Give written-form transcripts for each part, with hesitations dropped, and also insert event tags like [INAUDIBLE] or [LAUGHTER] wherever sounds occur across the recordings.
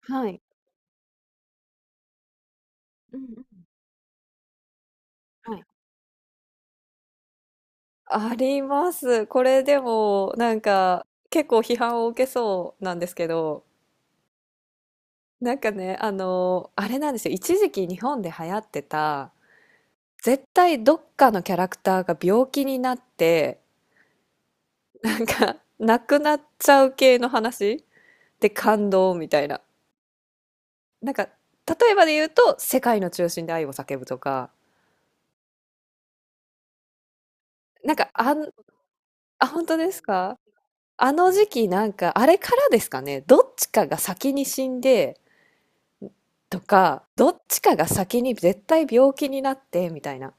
はい。うんうん。はい。あります。これでも、なんか、結構批判を受けそうなんですけど、なんかね、あれなんですよ。一時期日本で流行ってた、絶対どっかのキャラクターが病気になって、なんか、亡くなっちゃう系の話で感動みたいな。なんか、例えばで言うと、世界の中心で愛を叫ぶとか、なんか、あん、あ、本当ですか？あの時期なんか、あれからですかね、どっちかが先に死んで、とか、どっちかが先に絶対病気になって、みたいな、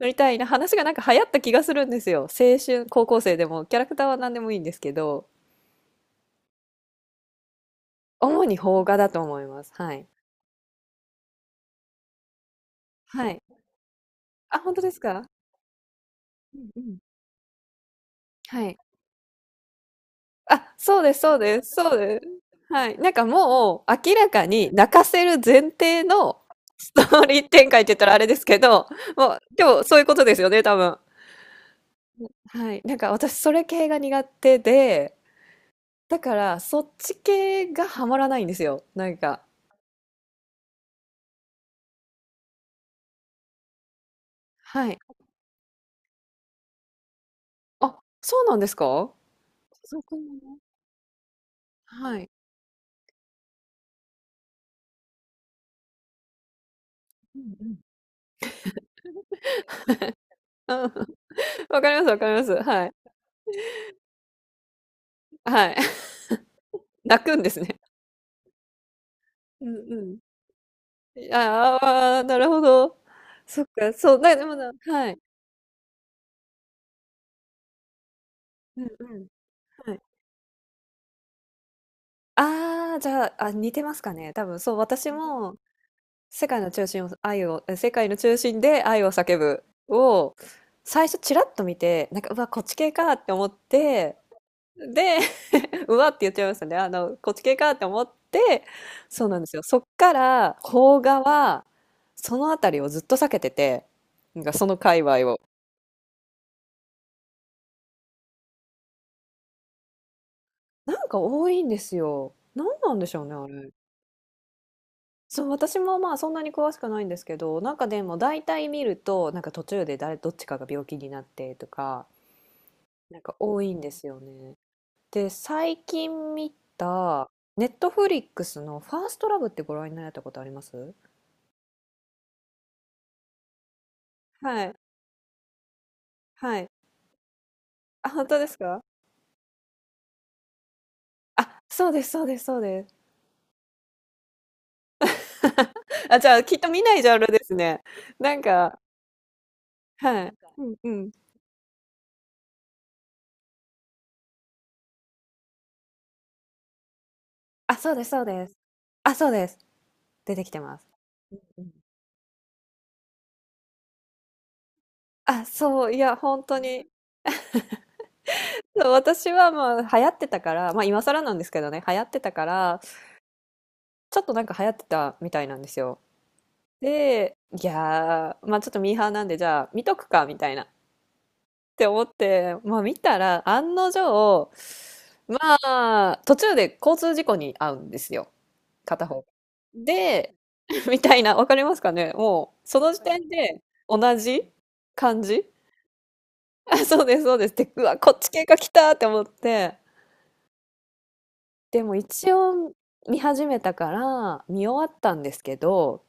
みたいな話がなんか流行った気がするんですよ。青春、高校生でも、キャラクターは何でもいいんですけど、主に邦画だと思います。はい。はい。あ、本当ですか？うんうん。はい。あ、そうです、そうです、そうです。はい。なんかもう、明らかに泣かせる前提のストーリー展開って言ったらあれですけど、もう、今日そういうことですよね、多分。はい。なんか私それ系が苦手で、だからそっち系がハマらないんですよ。なんか。はい。あ、そうなんですか？そこもはい。うん。[LAUGHS] うん。わかります、わかります。はい。はい。[LAUGHS] 泣くんですね。うんうん。ああ、なるほど。そっか、そう、だでもなはい。うんうん。はい。ああ、じゃあ、あ、似てますかね。多分そう、私も世界の中心を愛を、え世界の中心で愛を叫ぶを、最初ちらっと見て、なんか、うわ、こっち系かって思って、で [LAUGHS]、うわって言っちゃいましたね。こっち系かって思って、そうなんですよ。そっから、邦画は、そのあたりをずっと避けてて、なんかその界隈を。なんか多いんですよ。なんなんでしょうね、あれ。そう、私もまあそんなに詳しくないんですけど、なんかでも大体見ると、なんか途中で誰、どっちかが病気になってとか、なんか多いんですよね。で、最近見た、ネットフリックスのファーストラブってご覧になられたことあります？はい、はい。あ、本当ですか？あ、そうです、そうです、そうです。[LAUGHS] あ、じゃあ、きっと見ないジャンルですね。なんか、はい。うんうん。あ、そうです、そうです。あ、そうです。出てきてます。うんあ、そう、いや、本当に。そう私はまあ、流行ってたから、まあ、今更なんですけどね、流行ってたから、ちょっとなんか流行ってたみたいなんですよ。で、いやー、まあちょっとミーハーなんで、じゃあ見とくか、みたいな。って思って、まあ見たら、案の定、まあ、途中で交通事故に遭うんですよ。片方が。で、[LAUGHS] みたいな、わかりますかねもう、その時点で、同じ感じあ、[LAUGHS] そうです、そうです。で、うわ、こっち系が来たって思って。でも一応見始めたから見終わったんですけど、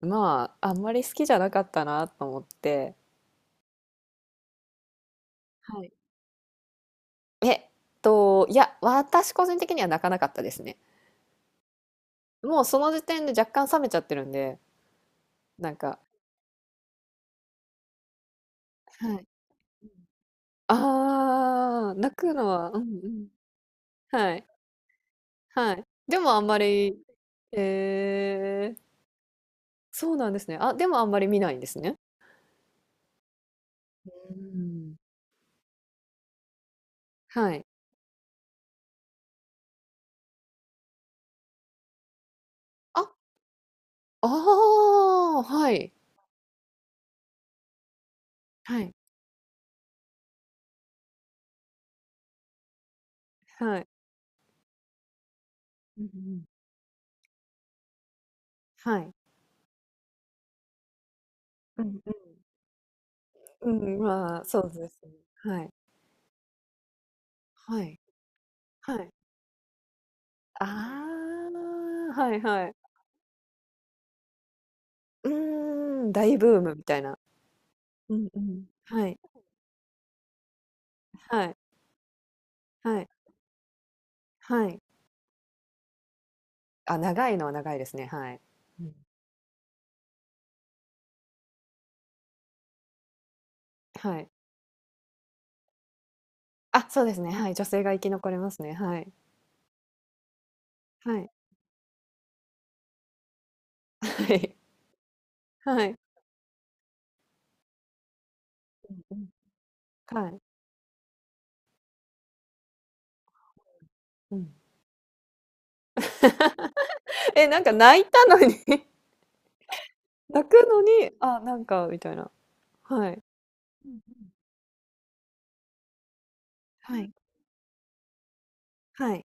まあ、あんまり好きじゃなかったなと思って。えっいや、私個人的には泣かなかったですね。もうその時点で若干冷めちゃってるんで、なんか、はい。ああー、泣くのは、うんうん。はい、はい。でもあんまりえーそうなんですね。あ、でもあんまり見ないんですね。うん。はい。あ、ああ、はい。はい、はい。うんうん。はい。うん、うん、まあ、そうですね。はい、はい、はい。ああ、はいはい。うーん、大ブームみたいな。うんうん。はい、はい、はい、はい。あ、長いのは長いですね、はい。うん。はい。あ、そうですね、はい、女性が生き残れますね、はい。はい、[LAUGHS] はい、はい。うんうん。はい、うん。[LAUGHS] え、なんか泣いたのに [LAUGHS] 泣くのに、あ、なんかみたいな。はい。うん。はい、はい、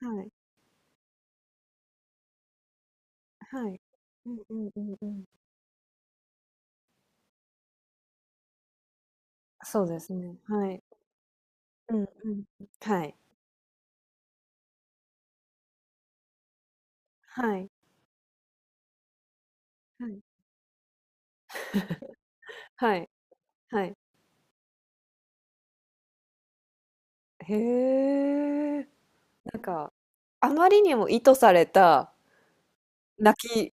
はい、はい。うんうんうんうん。そうですね、はい。うんうん。はい、はい、はい、はい、はい。へえ。なんか、あまりにも意図された泣き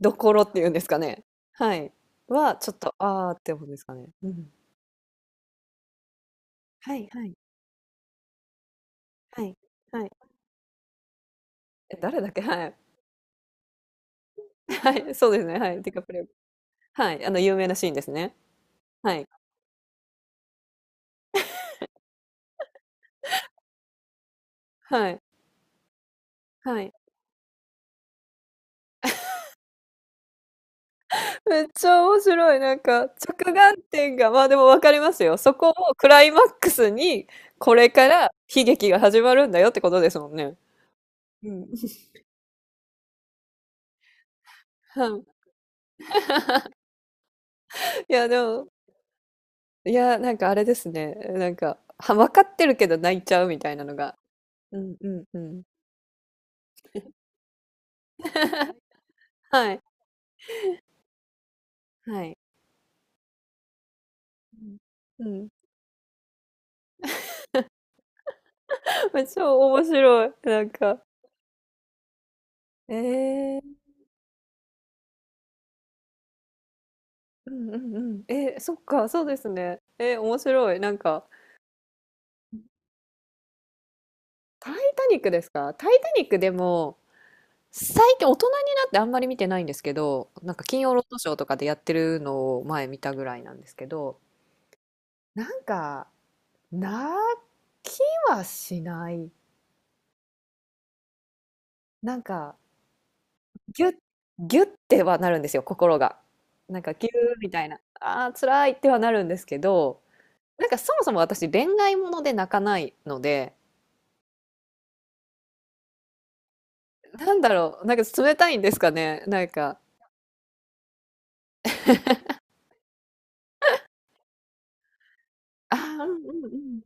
どころっていうんですかね。はい。は、ちょっと、ああって思うんですかね。うん。はいはいはい。はい。え、誰だっけ？はい。はい、そうですね、はい、ディカプリオ。はい、有名なシーンですね。はい。はい。はい。めっちゃ面白い、なんか、着眼点が、まあ、でも分かりますよ。そこをクライマックスに、これから悲劇が始まるんだよってことですもんね。うん。はい。いや、でもいや、なんかあれですね。なんか、は、わかってるけど泣いちゃうみたいなのが。うんうんうん。[LAUGHS] はい。はい。うん。うん [LAUGHS]。超面白い。なんか。えーうんうんうん。えー、そっか、そうですね。えー、面白い。なんか、タイタニックですかタイタニックでも、最近大人になってあんまり見てないんですけど、なんか金曜ロードショーとかでやってるのを前見たぐらいなんですけど、なんか、泣きはしない。なんか、ギュッぎってはなるんですよ、心が。なんかギューみたいな、あー辛いってはなるんですけど、なんかそもそも私恋愛もので泣かないので、なんだろう、なんか冷たいんですかね、なんか、あーうんうんうん。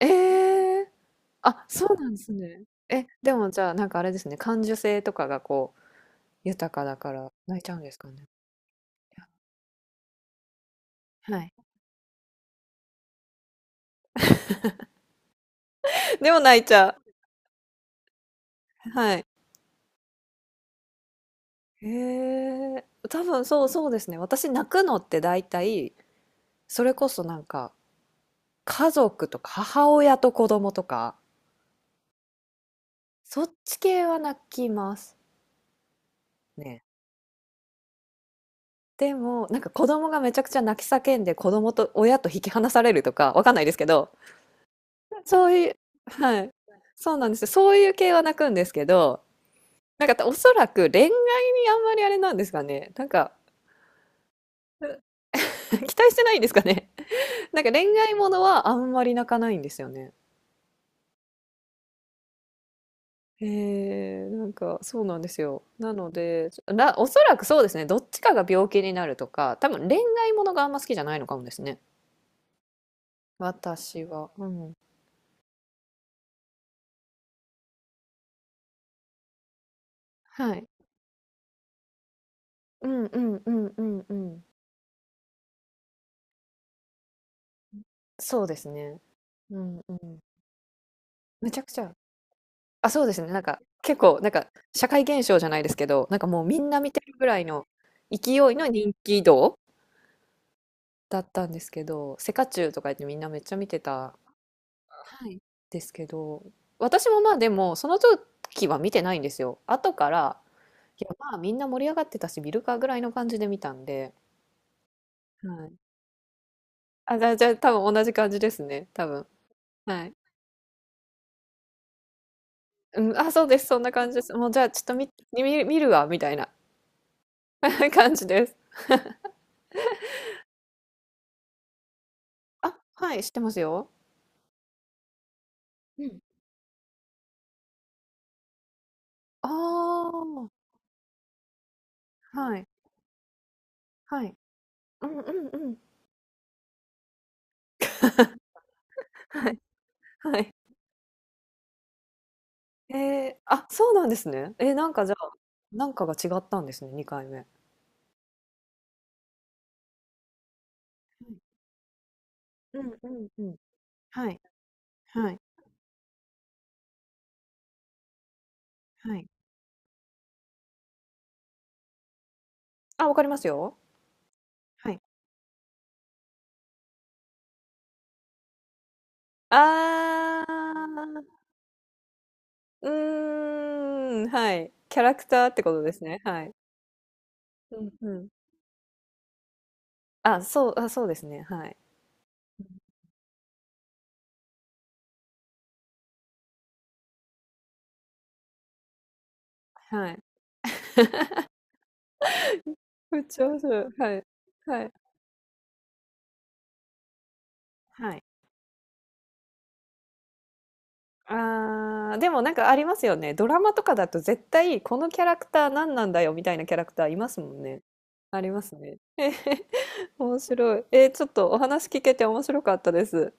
えーあ、そうなんですね。え、でもじゃあなんかあれですね、感受性とかがこう豊かだから泣いちゃうんですかね。はい。[LAUGHS] でも泣いちゃう。はい。へえ、多分そうそうですね。私泣くのって大体、それこそなんか家族とか母親と子供とか、そっち系は泣きます。ね。でも、なんか子供がめちゃくちゃ泣き叫んで、子供と親と引き離されるとか、わかんないですけど、そういうはい。そうなんですよ。そういう系は泣くんですけど、なんかおそらく恋愛にあんまりあれなんですかね。なんか [LAUGHS] 期待してないんですかね。なんか恋愛ものはあんまり泣かないんですよね。えー、なんかそうなんですよ。なので、ら、おそらくそうですね、どっちかが病気になるとか、多分恋愛ものがあんま好きじゃないのかもですね。私は。うん。はい。うんうんうんうんうん。そうですね。うんうん。めちゃくちゃ。あ、そうですね。なんか結構、なんか社会現象じゃないですけど、なんかもうみんな見てるぐらいの勢いの人気度だったんですけど、セカチュウとか言ってみんなめっちゃ見てたはい。ですけど、私もまあでも、その時は見てないんですよ。後から、いやまあみんな盛り上がってたし、見るかぐらいの感じで見たんで、はい。あ、じゃあ、じゃあ多分同じ感じですね、多分。はい。うん、あ、そうです、そんな感じです。もうじゃあちょっとみ見、見るわ、みたいな [LAUGHS] 感じです。あ、はい、知ってますよ。うん。ああ、はい、はい。うんうんうん。はい、はい。えー、あ、そうなんですね。えー、なんかじゃあ、なんかが違ったんですね、2回目。うんうんうん。はい、はい、はい。あ、わかりますよ。はい。ああ、うーん、はい。キャラクターってことですね。はい。うんうん。あ、そう、あ、そうですね。はい。はい。[LAUGHS] めっちゃ面白い。はい。はい。はい。ああ、でもなんかありますよね。ドラマとかだと絶対このキャラクター何なんだよみたいなキャラクターいますもんね。ありますね。面白い。えーちょっとお話聞けて面白かったです。